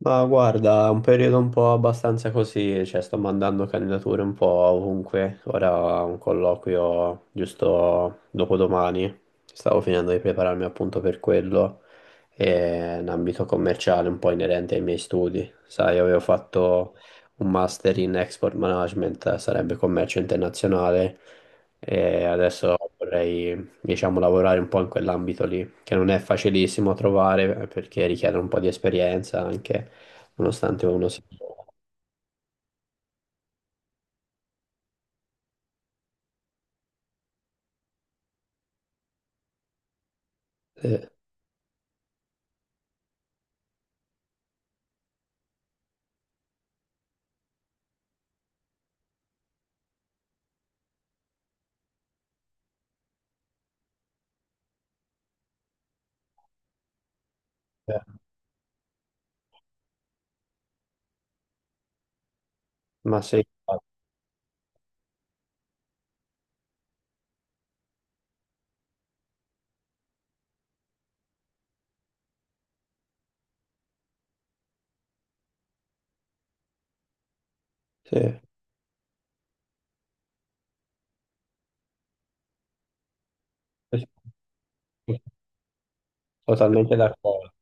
Ma guarda, è un periodo un po' abbastanza così, cioè sto mandando candidature un po' ovunque. Ora ho un colloquio giusto dopodomani, stavo finendo di prepararmi appunto per quello, e un ambito commerciale un po' inerente ai miei studi. Sai, avevo fatto un master in export management, sarebbe commercio internazionale, e adesso vorrei, diciamo, lavorare un po' in quell'ambito lì, che non è facilissimo trovare, perché richiede un po' di esperienza anche nonostante uno sia... eh, Eh, ma sì, sì, sì, totalmente d'accordo,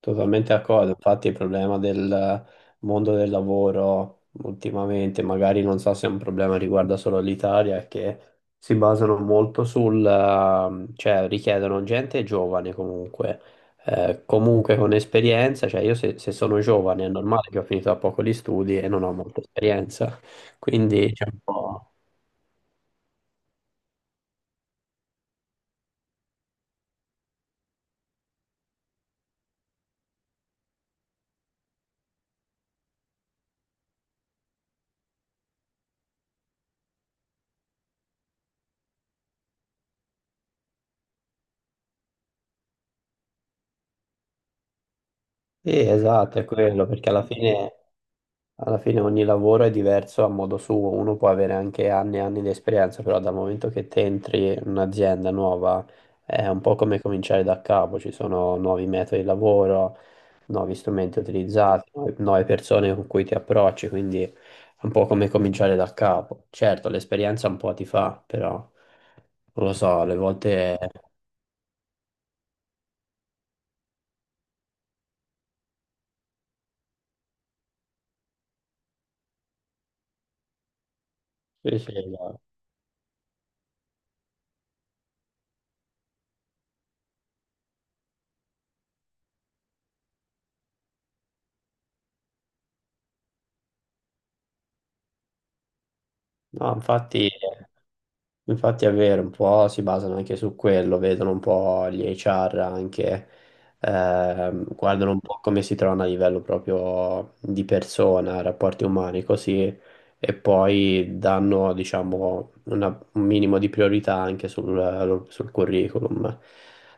totalmente d'accordo. Infatti il problema del mondo del lavoro ultimamente, magari non so se è un problema che riguarda solo l'Italia, è che si basano molto sul, cioè richiedono gente giovane comunque, comunque con esperienza, cioè io se sono giovane è normale che ho finito da poco gli studi e non ho molta esperienza, quindi c'è un po'... Sì, esatto, è quello, perché alla fine ogni lavoro è diverso a modo suo, uno può avere anche anni e anni di esperienza, però dal momento che te entri in un'azienda nuova è un po' come cominciare da capo, ci sono nuovi metodi di lavoro, nuovi strumenti utilizzati, nuove persone con cui ti approcci, quindi è un po' come cominciare da capo. Certo, l'esperienza un po' ti fa, però non lo so, alle volte... Sì, sì, no. No, Infatti è vero, un po' si basano anche su quello, vedono un po' gli HR anche, guardano un po' come si trovano a livello proprio di persona, rapporti umani, così, e poi danno, diciamo, un minimo di priorità anche sul, sul curriculum.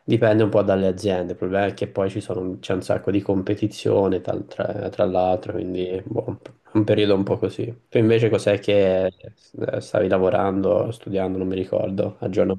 Dipende un po' dalle aziende, il problema è che poi ci sono, c'è un sacco di competizione tra l'altro, quindi boh, un periodo un po' così. Tu invece cos'è che stavi lavorando, studiando, non mi ricordo, aggiorno.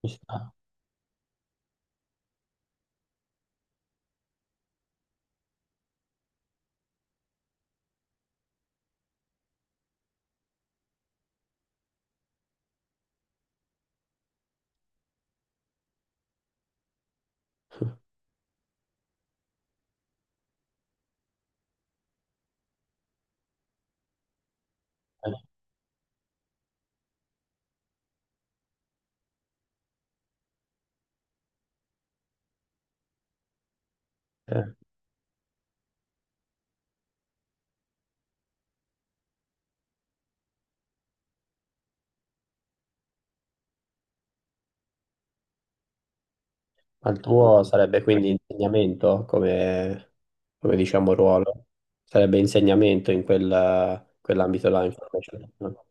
Ci sta. Eh, Ma il tuo sarebbe quindi insegnamento come, come diciamo ruolo? Sarebbe insegnamento in quella- quell'ambito là, information, no?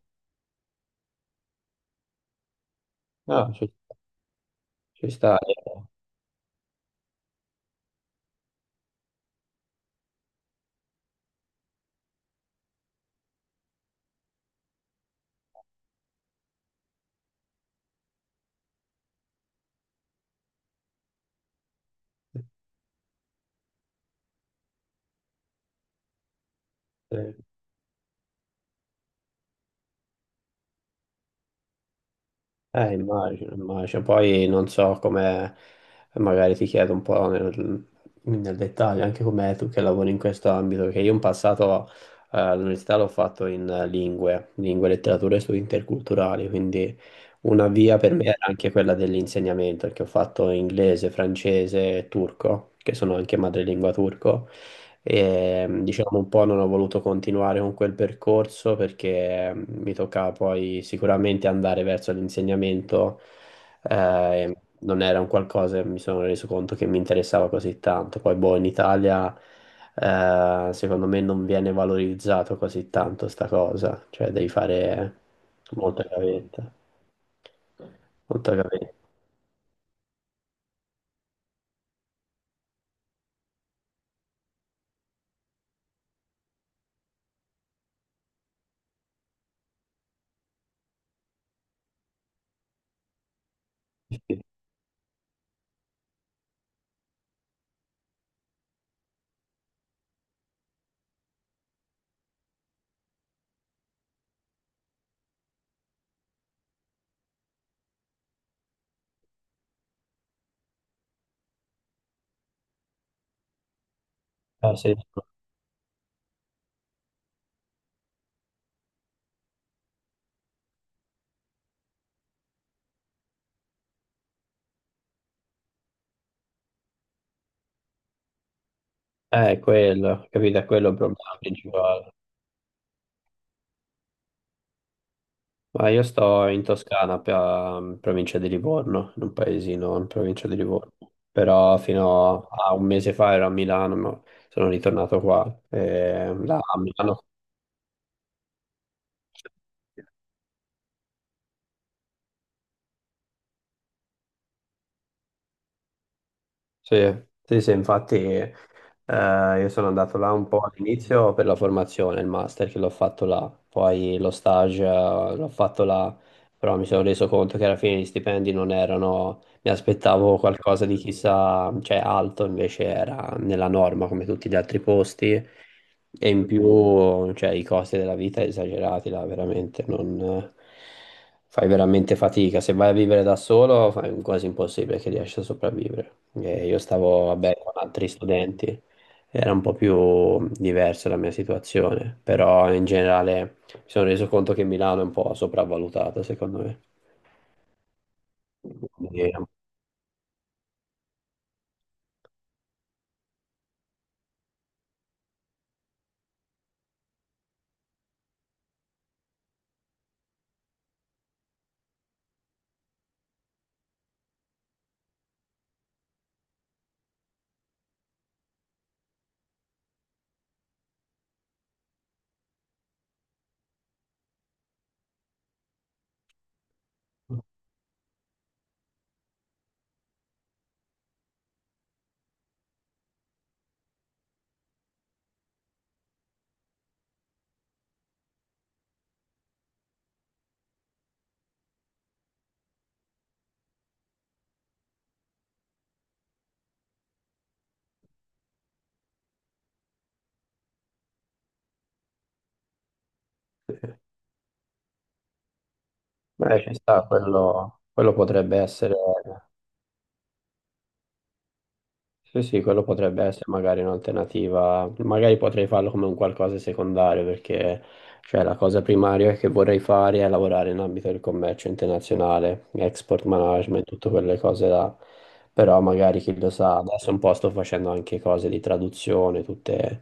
Ah, ci sta. eh. Eh, Immagino, immagino. Poi non so come, magari ti chiedo un po' nel, nel dettaglio, anche come tu che lavori in questo ambito, che io in passato all'università l'ho fatto in lingue, letterature e studi interculturali, quindi una via per me era anche quella dell'insegnamento, perché ho fatto inglese, francese e turco, che sono anche madrelingua turco, e diciamo un po' non ho voluto continuare con quel percorso perché mi toccava poi sicuramente andare verso l'insegnamento, e non era un qualcosa che mi sono reso conto che mi interessava così tanto. Poi, boh, in Italia, secondo me non viene valorizzato così tanto sta cosa, cioè devi fare molta gavetta, molta gavetta. Ah, sì. Quello, capito, è quello il problema principale. Ma io sto in Toscana, in provincia di Livorno, in un paesino in provincia di Livorno. Però fino a un mese fa ero a Milano, ma sono ritornato qua. E là a Milano sì, sì, sì, infatti io sono andato là un po' all'inizio per la formazione, il master che l'ho fatto là, poi lo stage l'ho fatto là, però mi sono reso conto che alla fine gli stipendi non erano, mi aspettavo qualcosa di chissà, cioè alto, invece era nella norma come tutti gli altri posti e in più, cioè, i costi della vita esagerati là, veramente, non... Fai veramente fatica, se vai a vivere da solo fai quasi impossibile che riesci a sopravvivere. Io stavo, vabbè, con altri studenti, era un po' più diversa la mia situazione, però in generale mi sono reso conto che Milano è un po' sopravvalutata, secondo me. Quindi, ci sta, quello potrebbe essere sì, sì, quello potrebbe essere magari un'alternativa, magari potrei farlo come un qualcosa secondario perché cioè, la cosa primaria che vorrei fare è lavorare in ambito del commercio internazionale, export management, tutte quelle cose là, però magari chi lo sa, adesso un po' sto facendo anche cose di traduzione, tutte,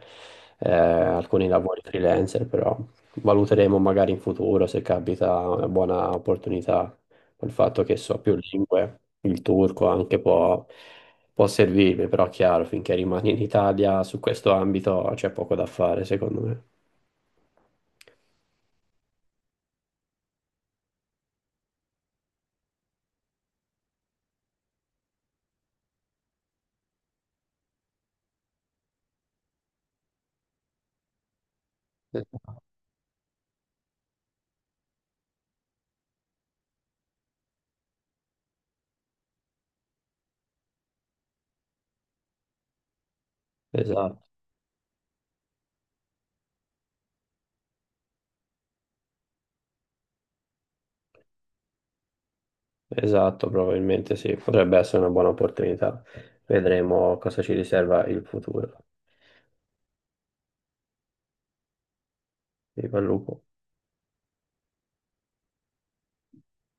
alcuni lavori freelancer, però valuteremo magari in futuro se capita una buona opportunità. Il fatto che so più lingue, il turco anche può servirmi, però chiaro, finché rimani in Italia su questo ambito c'è poco da fare, secondo me. Esatto, esatto, probabilmente sì, potrebbe essere una buona opportunità. Vedremo cosa ci riserva il futuro. Viva il lupo.